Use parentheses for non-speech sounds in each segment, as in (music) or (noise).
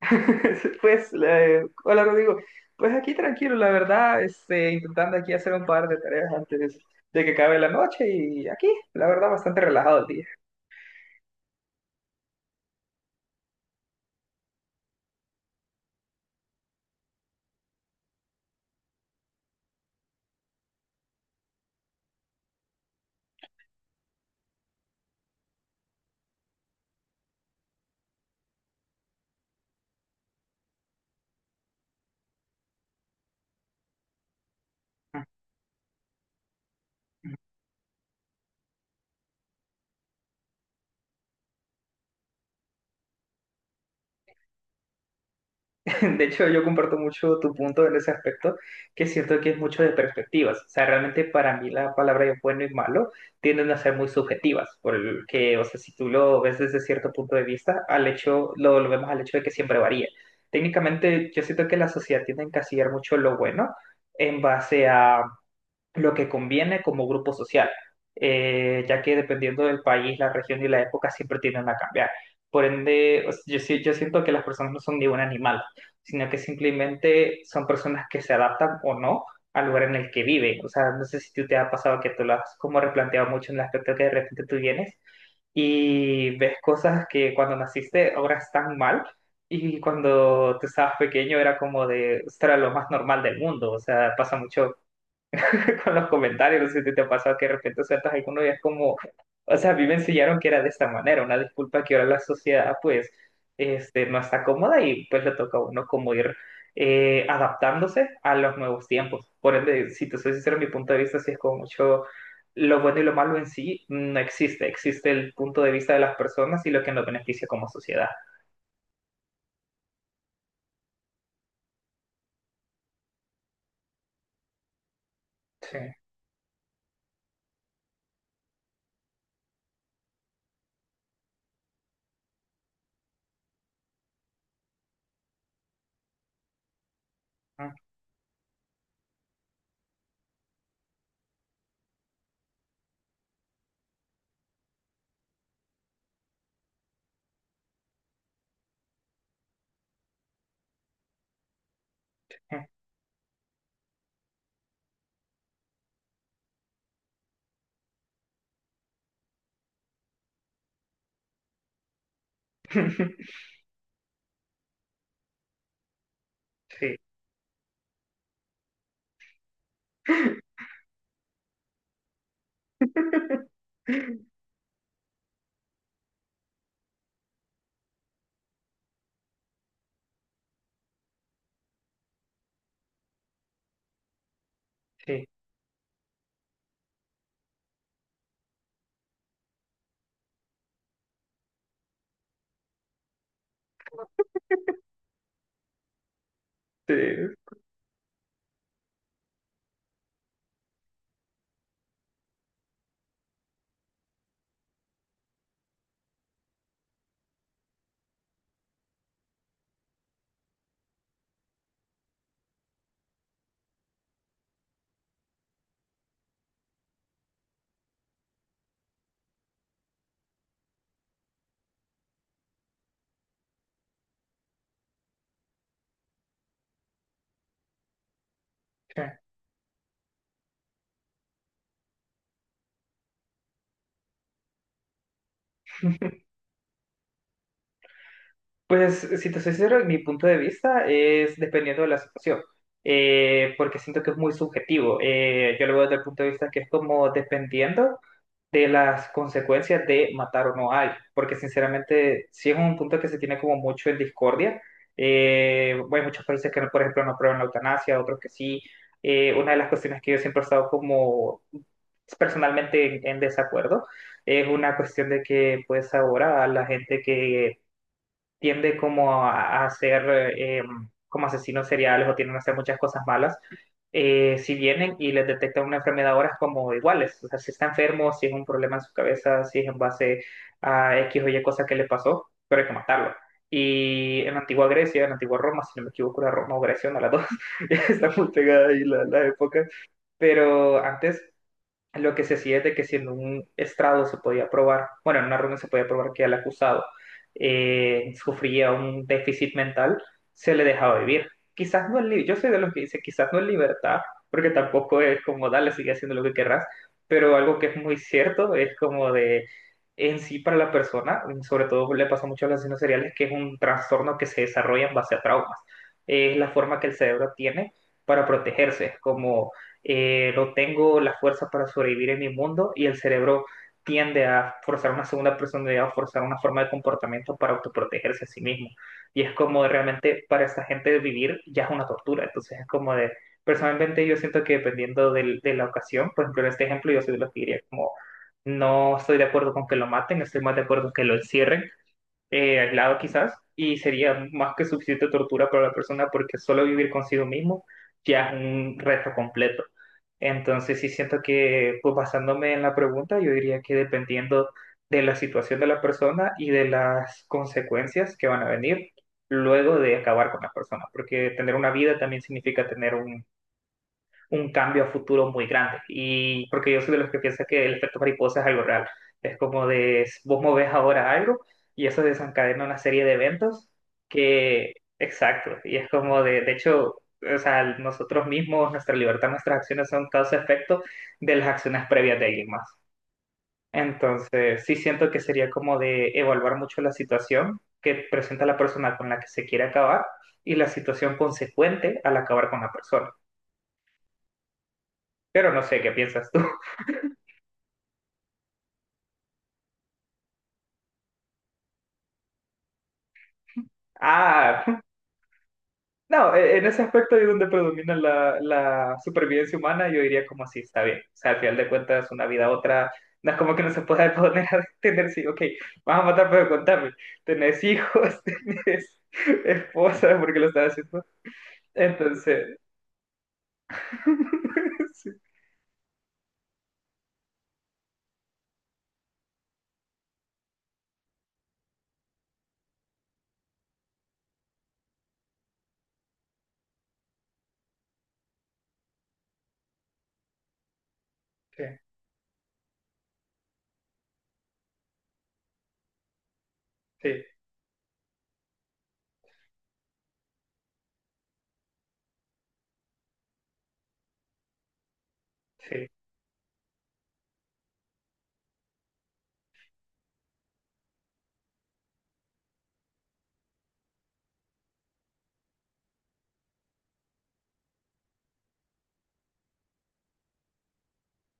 (laughs) Pues, hola Rodrigo. Pues aquí tranquilo, la verdad, intentando aquí hacer un par de tareas antes de que acabe la noche y aquí, la verdad, bastante relajado el día. (laughs) De hecho, yo comparto mucho tu punto en ese aspecto, que siento que es mucho de perspectivas. O sea, realmente para mí la palabra de bueno y malo tienden a ser muy subjetivas, porque, o sea, si tú lo ves desde cierto punto de vista, al hecho, lo vemos al hecho de que siempre varía. Técnicamente, yo siento que la sociedad tiende a encasillar mucho lo bueno en base a lo que conviene como grupo social, ya que dependiendo del país, la región y la época siempre tienden a cambiar. Por ende, o sea, yo siento que las personas no son ni un animal, sino que simplemente son personas que se adaptan o no al lugar en el que viven. O sea, no sé si tú te ha pasado que tú lo has como replanteado mucho en el aspecto que de repente tú vienes y ves cosas que cuando naciste ahora están mal, y cuando tú estabas pequeño era como de, esto era lo más normal del mundo. O sea, pasa mucho con los comentarios, no sé si te ha pasado que de repente sueltas alguno y es como, o sea, a mí me enseñaron que era de esta manera, una disculpa que ahora la sociedad pues no está cómoda, y pues le toca a uno como ir adaptándose a los nuevos tiempos. Por ende, si te soy sincero, mi punto de vista sí es como mucho lo bueno y lo malo en sí no existe, existe el punto de vista de las personas y lo que nos beneficia como sociedad. Sí. (laughs) Sí. (laughs) Sí. Sí. Sí. Pues, si te soy sincero, mi punto de vista es dependiendo de la situación, porque siento que es muy subjetivo. Yo lo veo desde el punto de vista que es como dependiendo de las consecuencias de matar o no a alguien, porque sinceramente sí es un punto que se tiene como mucho en discordia. Hay muchos países que, no, por ejemplo, no aprueban la eutanasia, otros que sí. Una de las cuestiones que yo siempre he estado como personalmente en desacuerdo es una cuestión de que pues ahora la gente que tiende como a ser eh, como asesinos seriales o tienden a hacer muchas cosas malas, si vienen y les detectan una enfermedad ahora es como iguales. O sea, si está enfermo, si es un problema en su cabeza, si es en base a X o Y cosa que le pasó, pero hay que matarlo. Y en la antigua Grecia, en la antigua Roma, si no me equivoco, era Roma o Grecia, una de las dos, (laughs) está muy pegada ahí la época, pero antes lo que se hacía es de que si en un estrado se podía probar, bueno, en una reunión se podía probar que el acusado sufría un déficit mental, se le dejaba vivir. Quizás no en libertad, yo soy de los que dice quizás no en libertad, porque tampoco es como dale, sigue haciendo lo que querrás, pero algo que es muy cierto es como de en sí para la persona, sobre todo le pasa mucho a los asesinos seriales, que es un trastorno que se desarrolla en base a traumas. Es la forma que el cerebro tiene para protegerse, como no tengo la fuerza para sobrevivir en mi mundo, y el cerebro tiende a forzar una segunda personalidad o forzar una forma de comportamiento para autoprotegerse a sí mismo. Y es como de realmente para esta gente vivir ya es una tortura. Entonces es como de, personalmente yo siento que dependiendo de la ocasión. Por ejemplo, en este ejemplo yo soy de los que diría como, no estoy de acuerdo con que lo maten, estoy más de acuerdo con que lo encierren, aislado quizás, y sería más que suficiente tortura para la persona, porque solo vivir consigo mismo ya es un reto completo. Entonces sí siento que, pues basándome en la pregunta, yo diría que dependiendo de la situación de la persona y de las consecuencias que van a venir luego de acabar con la persona, porque tener una vida también significa tener un cambio a futuro muy grande. Y porque yo soy de los que piensa que el efecto mariposa es algo real. Es como de vos movés ahora algo y eso desencadena una serie de eventos que, exacto, y es como de hecho, o sea, nosotros mismos, nuestra libertad, nuestras acciones son causa-efecto de las acciones previas de alguien más. Entonces, sí siento que sería como de evaluar mucho la situación que presenta la persona con la que se quiere acabar y la situación consecuente al acabar con la persona. Pero no sé, ¿qué piensas tú? Ah, (laughs) no, en ese aspecto es donde predomina la supervivencia humana, yo diría como así, está bien. O sea, al final de cuentas, una vida a otra, no es como que no se pueda (laughs) poner a tener, sí, ok, vas a matar, pero contame, tenés hijos, (laughs) tenés esposa, porque lo estás haciendo. Entonces, (laughs) sí, sí, sí. Sí.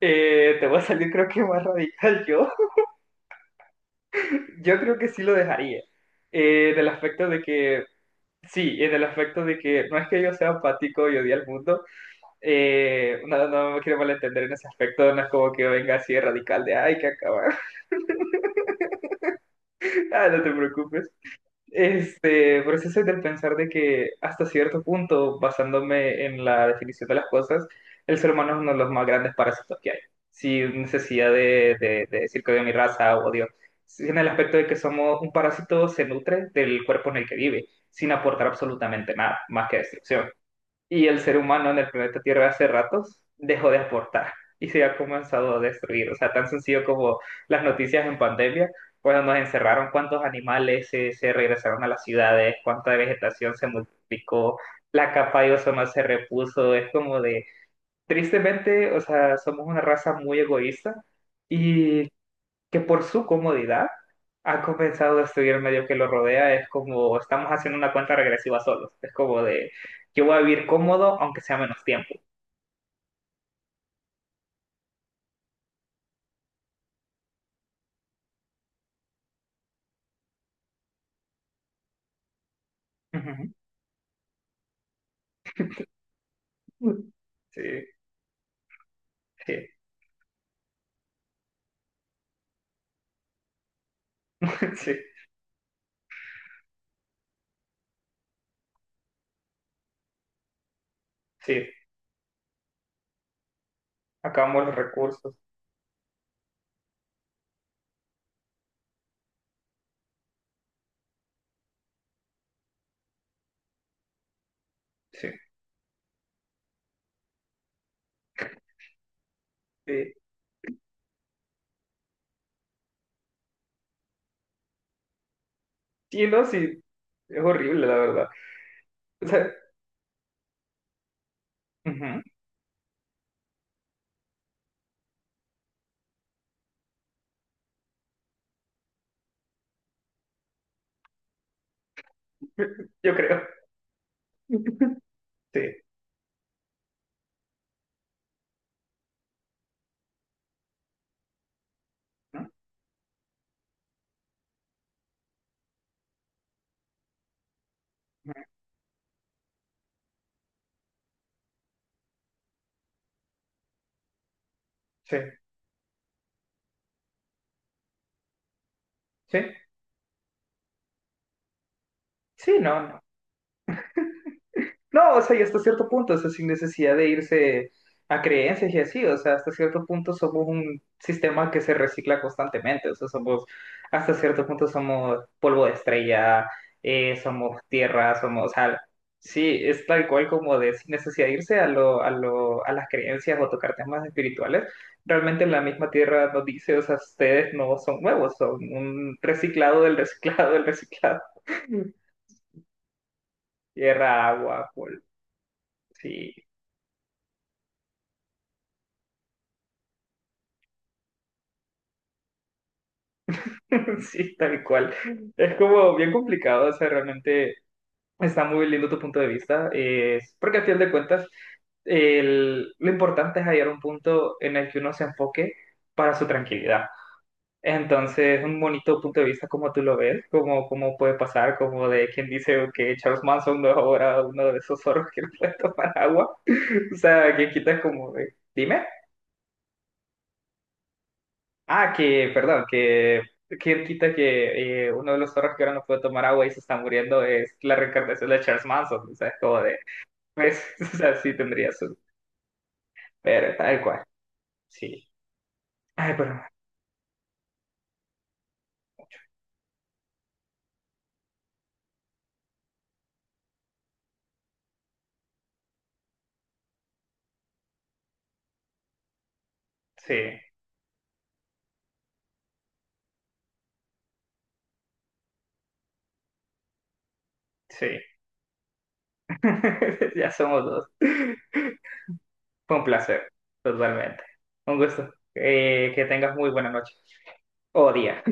Te voy a salir creo que más radical yo. (laughs) Yo creo que sí lo dejaría. En el aspecto de que, sí, en el aspecto de que no es que yo sea apático y odie al mundo. No, no me quiero malentender en ese aspecto, no es como que venga así de radical de ay, que acabar. (laughs) Ah, no te preocupes. Pero sí soy del pensar de que hasta cierto punto, basándome en la definición de las cosas, el ser humano es uno de los más grandes parásitos que hay, sin necesidad de, decir que odio mi raza o odio. Sí, en el aspecto de que somos un parásito, se nutre del cuerpo en el que vive, sin aportar absolutamente nada, más que destrucción. Y el ser humano en el planeta Tierra hace ratos dejó de aportar, y se ha comenzado a destruir. O sea, tan sencillo como las noticias en pandemia, cuando nos encerraron, cuántos animales se regresaron a las ciudades, cuánta vegetación se multiplicó, la capa de ozono se repuso. Es como de, tristemente, o sea, somos una raza muy egoísta. Y que por su comodidad ha comenzado a destruir el medio que lo rodea. Es como estamos haciendo una cuenta regresiva solos. Es como de yo voy a vivir cómodo aunque sea menos tiempo. Ujú. Sí, sí, (laughs) sí, sí. Acabamos los recursos. Sí, sí. Sí, no, sí. Es horrible, la verdad. O sea, ujú. (laughs) Yo creo. Sí. ¿No? Ujú. Sí. Sí. Sí, no, no. No, o sea, y hasta cierto punto, o sea, sin necesidad de irse a creencias y así, o sea, hasta cierto punto somos un sistema que se recicla constantemente, o sea, somos, hasta cierto punto somos polvo de estrella, somos tierra, somos, o sea, sí, es tal cual como de sin necesidad de irse a las creencias o tocar temas espirituales, realmente la misma tierra nos dice, o sea, ustedes no son nuevos, son un reciclado del reciclado del reciclado, (laughs) tierra, agua, polvo, sí. (laughs) Sí, tal cual. Es como bien complicado, o sea, realmente está muy lindo tu punto de vista, porque al final de cuentas lo importante es hallar un punto en el que uno se enfoque para su tranquilidad. Entonces, un bonito punto de vista como tú lo ves, como, cómo puede pasar, como de quien dice que Charles Manson no es ahora uno de esos zorros que (laughs) no puede tomar agua. (laughs) O sea, quien quita es como, de, dime. Ah, que, perdón, que quien quita que uno de los zorros que ahora no puede tomar agua y se está muriendo es la reencarnación de Charles Manson, o sea, es como de, pues, (laughs) o sea, sí tendría su, pero tal cual, sí. Ay, pero, sí, sí, (laughs) ya somos dos. Fue un placer, totalmente. Un gusto. Que tengas muy buena noche o día.